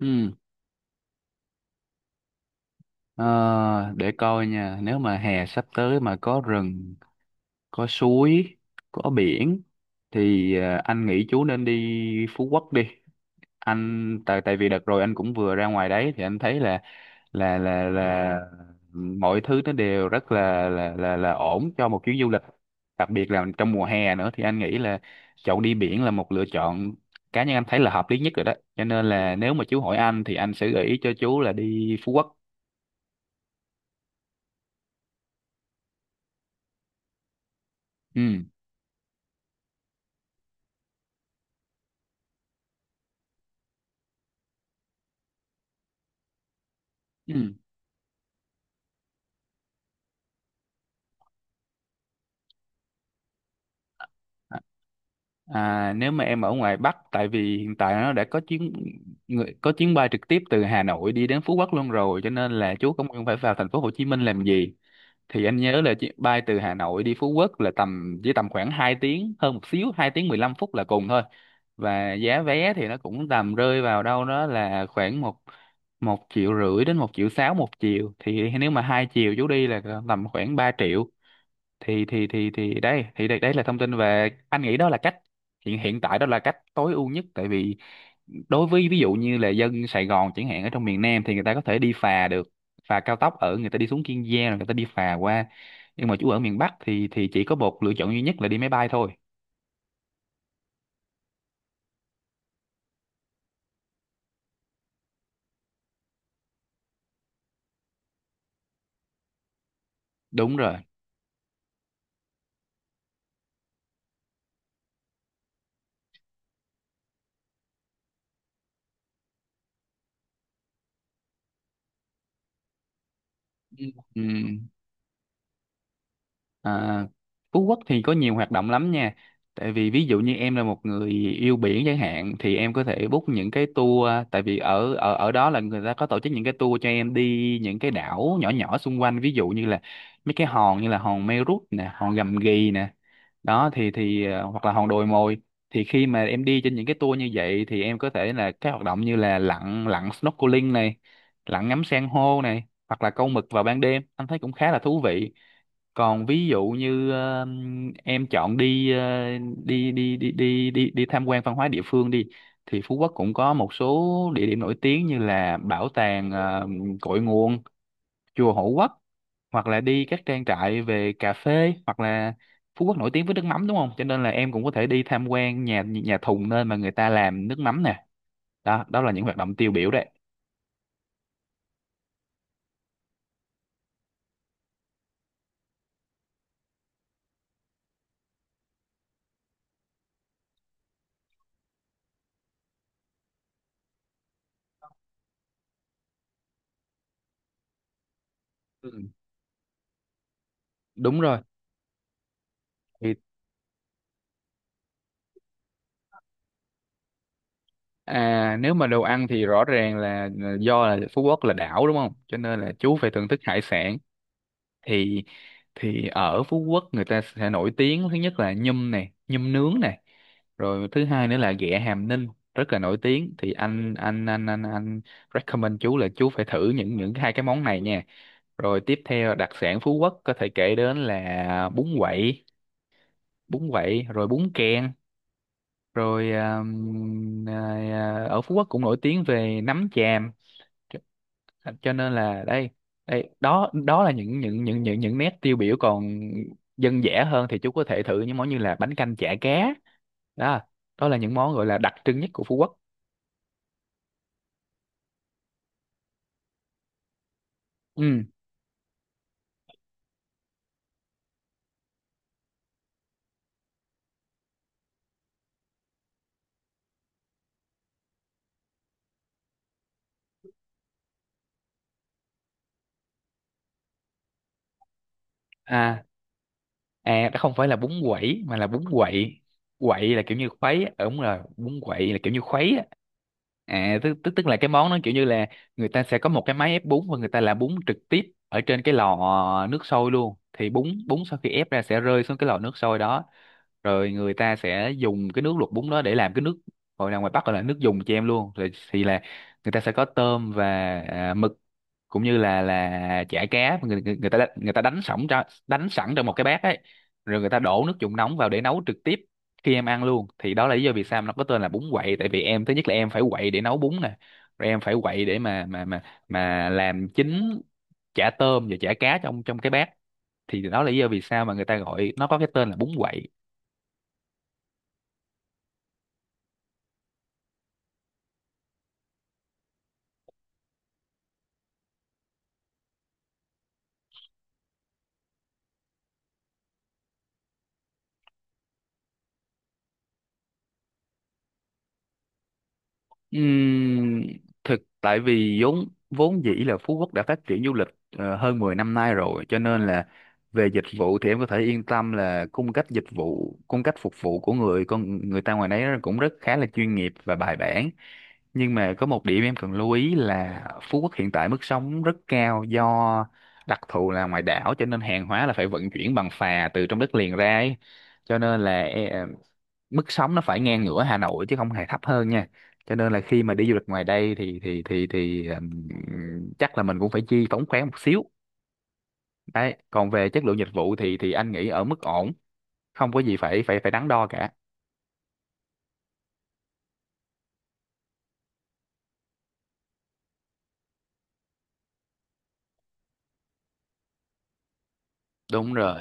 Ừ. Ờ, để coi nha, nếu mà hè sắp tới mà có rừng, có suối, có biển thì anh nghĩ chú nên đi Phú Quốc đi. Anh tại tại vì đợt rồi anh cũng vừa ra ngoài đấy thì anh thấy là mọi thứ nó đều rất là ổn cho một chuyến du lịch. Đặc biệt là trong mùa hè nữa thì anh nghĩ là chọn đi biển là một lựa chọn cá nhân anh thấy là hợp lý nhất rồi đó. Cho nên là nếu mà chú hỏi anh thì anh sẽ gợi ý cho chú là đi Phú Quốc. Ừ. Ừ. À, à, nếu mà em ở ngoài Bắc, tại vì hiện tại nó đã có có chuyến bay trực tiếp từ Hà Nội đi đến Phú Quốc luôn rồi, cho nên là chú cũng không phải vào thành phố Hồ Chí Minh làm gì. Thì anh nhớ là chuyến bay từ Hà Nội đi Phú Quốc là tầm khoảng 2 tiếng hơn một xíu, 2 tiếng 15 phút là cùng thôi. Và giá vé thì nó cũng tầm rơi vào đâu đó là khoảng một một triệu rưỡi đến 1,6 triệu một chiều, thì nếu mà hai chiều chú đi là tầm khoảng 3 triệu. Đây là thông tin, về anh nghĩ đó là cách hiện hiện tại đó là cách tối ưu nhất. Tại vì đối với ví dụ như là dân Sài Gòn chẳng hạn, ở trong miền Nam thì người ta có thể đi phà được, phà cao tốc ở người ta đi xuống Kiên Giang rồi người ta đi phà qua. Nhưng mà chú ở miền Bắc thì chỉ có một lựa chọn duy nhất là đi máy bay thôi. Đúng rồi. Ừ. Ừ. À, Phú Quốc thì có nhiều hoạt động lắm nha. Tại vì ví dụ như em là một người yêu biển chẳng hạn thì em có thể book những cái tour, tại vì ở ở ở đó là người ta có tổ chức những cái tour cho em đi những cái đảo nhỏ nhỏ xung quanh, ví dụ như là mấy cái hòn như là hòn Mây Rút nè, hòn Gầm Ghì nè. Đó hoặc là hòn Đồi Mồi. Thì khi mà em đi trên những cái tour như vậy thì em có thể là các hoạt động như là lặn lặn snorkeling này, lặn ngắm san hô này, hoặc là câu mực vào ban đêm. Anh thấy cũng khá là thú vị. Còn ví dụ như em chọn đi, ờ, đi đi đi đi đi đi tham quan văn hóa địa phương đi, thì Phú Quốc cũng có một số địa điểm nổi tiếng như là bảo tàng cội nguồn, chùa Hộ Quốc, hoặc là đi các trang trại về cà phê. Hoặc là Phú Quốc nổi tiếng với nước mắm đúng không, cho nên là em cũng có thể đi tham quan nhà nhà thùng, nơi mà người ta làm nước mắm nè. Đó đó là những hoạt động tiêu biểu đấy. Ừ, đúng rồi. Thì à, nếu mà đồ ăn thì rõ ràng là do là Phú Quốc là đảo đúng không? Cho nên là chú phải thưởng thức hải sản. Thì thì ở Phú Quốc, người ta sẽ nổi tiếng thứ nhất là nhum này, nhum nướng này. Rồi thứ hai nữa là ghẹ Hàm Ninh, rất là nổi tiếng. Thì anh recommend chú là chú phải thử những hai cái món này nha. Rồi tiếp theo, đặc sản Phú Quốc có thể kể đến là bún quậy, rồi bún kèn, rồi ở Phú Quốc cũng nổi tiếng về nấm tràm. Cho, cho nên là đây, đây đó đó là những nét tiêu biểu. Còn dân dã hơn thì chú có thể thử những món như là bánh canh chả cá. Đó đó là những món gọi là đặc trưng nhất của Phú Quốc. Ừ. à đó không phải là bún quẩy mà là bún quậy. Quậy là kiểu như khuấy á. Ờ, đúng rồi, bún quậy là kiểu như khuấy á. À tức tức tức là cái món nó kiểu như là người ta sẽ có một cái máy ép bún, và người ta làm bún trực tiếp ở trên cái lò nước sôi luôn. Thì bún bún sau khi ép ra sẽ rơi xuống cái lò nước sôi đó, rồi người ta sẽ dùng cái nước luộc bún đó để làm cái nước, gọi là ngoài Bắc gọi là nước dùng cho em luôn rồi. Thì là người ta sẽ có tôm và mực, cũng như là chả cá, người ta đánh sẵn trong một cái bát ấy, rồi người ta đổ nước dùng nóng vào để nấu trực tiếp khi em ăn luôn. Thì đó là lý do vì sao nó có tên là bún quậy, tại vì em, thứ nhất là em phải quậy để nấu bún nè, rồi em phải quậy để mà làm chín chả tôm và chả cá trong trong cái bát. Thì đó là lý do vì sao mà người ta gọi nó có cái tên là bún quậy. Ừm, Thực, tại vì vốn vốn dĩ là Phú Quốc đã phát triển du lịch hơn 10 năm nay rồi, cho nên là về dịch vụ thì em có thể yên tâm là cung cách dịch vụ, cung cách phục vụ của con người ta ngoài đấy cũng rất khá là chuyên nghiệp và bài bản. Nhưng mà có một điểm em cần lưu ý là Phú Quốc hiện tại mức sống rất cao, do đặc thù là ngoài đảo cho nên hàng hóa là phải vận chuyển bằng phà từ trong đất liền ra ấy. Cho nên là mức sống nó phải ngang ngửa Hà Nội, chứ không hề thấp hơn nha. Cho nên là khi mà đi du lịch ngoài đây thì chắc là mình cũng phải chi phóng khoáng một xíu đấy. Còn về chất lượng dịch vụ thì anh nghĩ ở mức ổn, không có gì phải phải phải đắn đo cả. Đúng rồi.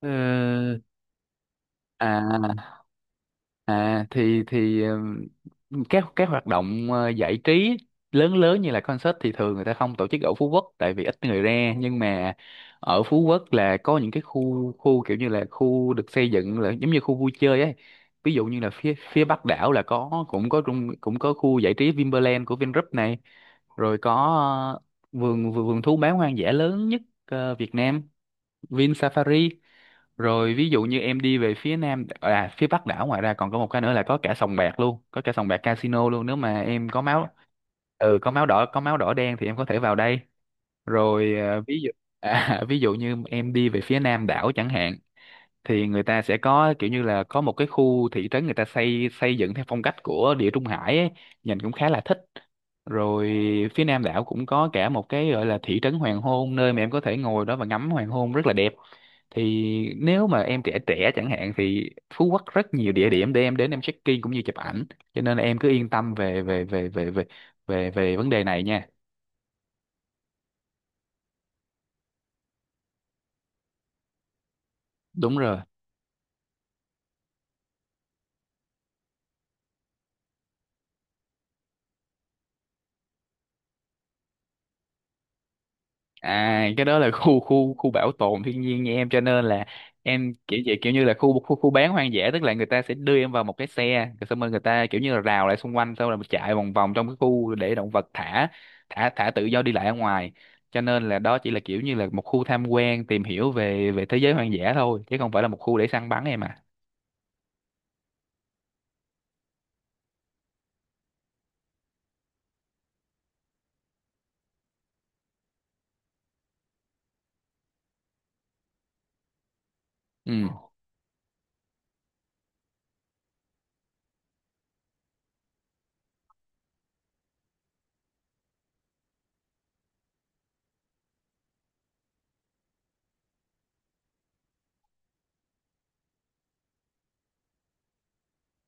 Ờ, à à thì các hoạt động giải trí lớn lớn như là concert thì thường người ta không tổ chức ở Phú Quốc, tại vì ít người ra. Nhưng mà ở Phú Quốc là có những cái khu khu kiểu như là khu được xây dựng là giống như khu vui chơi ấy. Ví dụ như là phía phía Bắc đảo là có cũng có trung- cũng có khu giải trí Vinpearl của Vingroup này. Rồi có ờ, vườn vườn vườn thú bán hoang dã lớn nhất Việt Nam, Vin Safari. Rồi ví dụ như em đi về phía nam, à phía bắc đảo, ngoài ra còn có một cái nữa là có cả sòng bạc luôn, có cả sòng bạc casino luôn, nếu mà em có máu, có máu đỏ đen thì em có thể vào đây. Rồi ví dụ à, ví dụ như em đi về phía nam đảo chẳng hạn, thì người ta sẽ có kiểu như là có một cái khu thị trấn người ta xây xây dựng theo phong cách của Địa Trung Hải ấy, nhìn cũng khá là thích. Rồi phía Nam đảo cũng có cả một cái gọi là thị trấn hoàng hôn, nơi mà em có thể ngồi đó và ngắm hoàng hôn rất là đẹp. Thì nếu mà em trẻ trẻ chẳng hạn thì Phú Quốc rất nhiều địa điểm để em đến, em check-in cũng như chụp ảnh. Cho nên là em cứ yên tâm về về về về về về về vấn đề này nha. Đúng rồi. À, cái đó là khu khu khu bảo tồn thiên nhiên nha em. Cho nên là em kiểu như là khu khu khu bán hoang dã, tức là người ta sẽ đưa em vào một cái xe, rồi xong rồi người ta kiểu như là rào lại xung quanh, xong rồi mình chạy vòng vòng trong cái khu, để động vật thả thả thả tự do đi lại ở ngoài. Cho nên là đó chỉ là kiểu như là một khu tham quan tìm hiểu về về thế giới hoang dã thôi, chứ không phải là một khu để săn bắn em à. Ừ.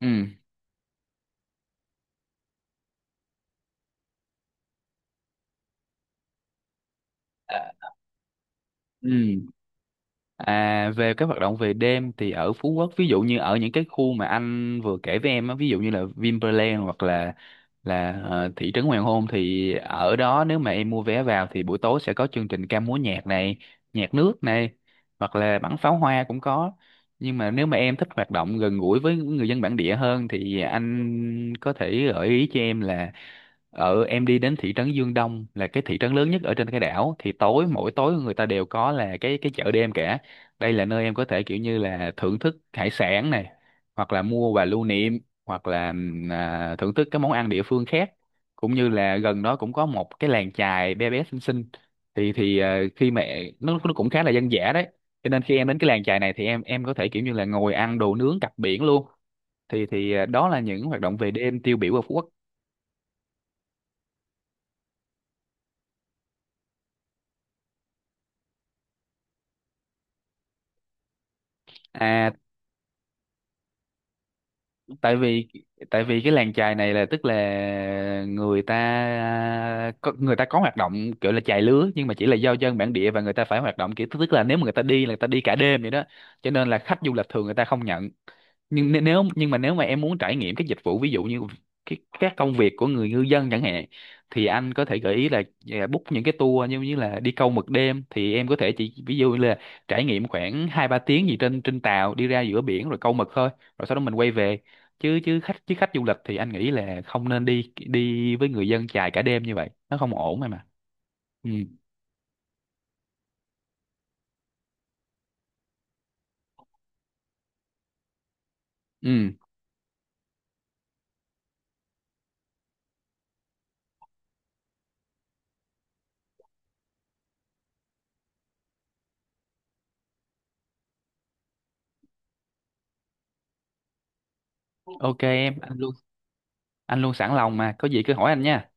Ừ. À. Ừ. À, về các hoạt động về đêm thì ở Phú Quốc, ví dụ như ở những cái khu mà anh vừa kể với em á, ví dụ như là Vinpearl hoặc là thị trấn Hoàng Hôn, thì ở đó nếu mà em mua vé vào thì buổi tối sẽ có chương trình ca múa nhạc này, nhạc nước này, hoặc là bắn pháo hoa cũng có. Nhưng mà nếu mà em thích hoạt động gần gũi với người dân bản địa hơn thì anh có thể gợi ý cho em là em đi đến thị trấn Dương Đông, là cái thị trấn lớn nhất ở trên cái đảo, thì tối, mỗi tối người ta đều có là cái chợ đêm cả. Đây là nơi em có thể kiểu như là thưởng thức hải sản này, hoặc là mua và lưu niệm, hoặc là thưởng thức các món ăn địa phương khác, cũng như là gần đó cũng có một cái làng chài bé bé xinh xinh. Khi mà nó cũng khá là dân dã đấy, cho nên khi em đến cái làng chài này thì em có thể kiểu như là ngồi ăn đồ nướng cặp biển luôn. Đó là những hoạt động về đêm tiêu biểu ở Phú Quốc. À tại vì tại vì cái làng chài này là, tức là người ta có hoạt động kiểu là chài lứa, nhưng mà chỉ là do dân bản địa, và người ta phải hoạt động kiểu, tức là nếu mà người ta đi là người ta đi cả đêm vậy đó. Cho nên là khách du lịch thường người ta không nhận. Nhưng n- nếu nhưng mà Nếu mà em muốn trải nghiệm các dịch vụ, ví dụ như các công việc của người ngư dân chẳng hạn, thì anh có thể gợi ý là book những cái tour như như là đi câu mực đêm. Thì em có thể chỉ ví dụ như là trải nghiệm khoảng 2-3 tiếng gì trên trên tàu đi ra giữa biển rồi câu mực thôi, rồi sau đó mình quay về, chứ chứ khách du lịch thì anh nghĩ là không nên đi đi với người dân chài cả đêm như vậy, nó không ổn em mà. Ừ. Ừ. OK em, anh luôn sẵn lòng mà, có gì cứ hỏi anh nha.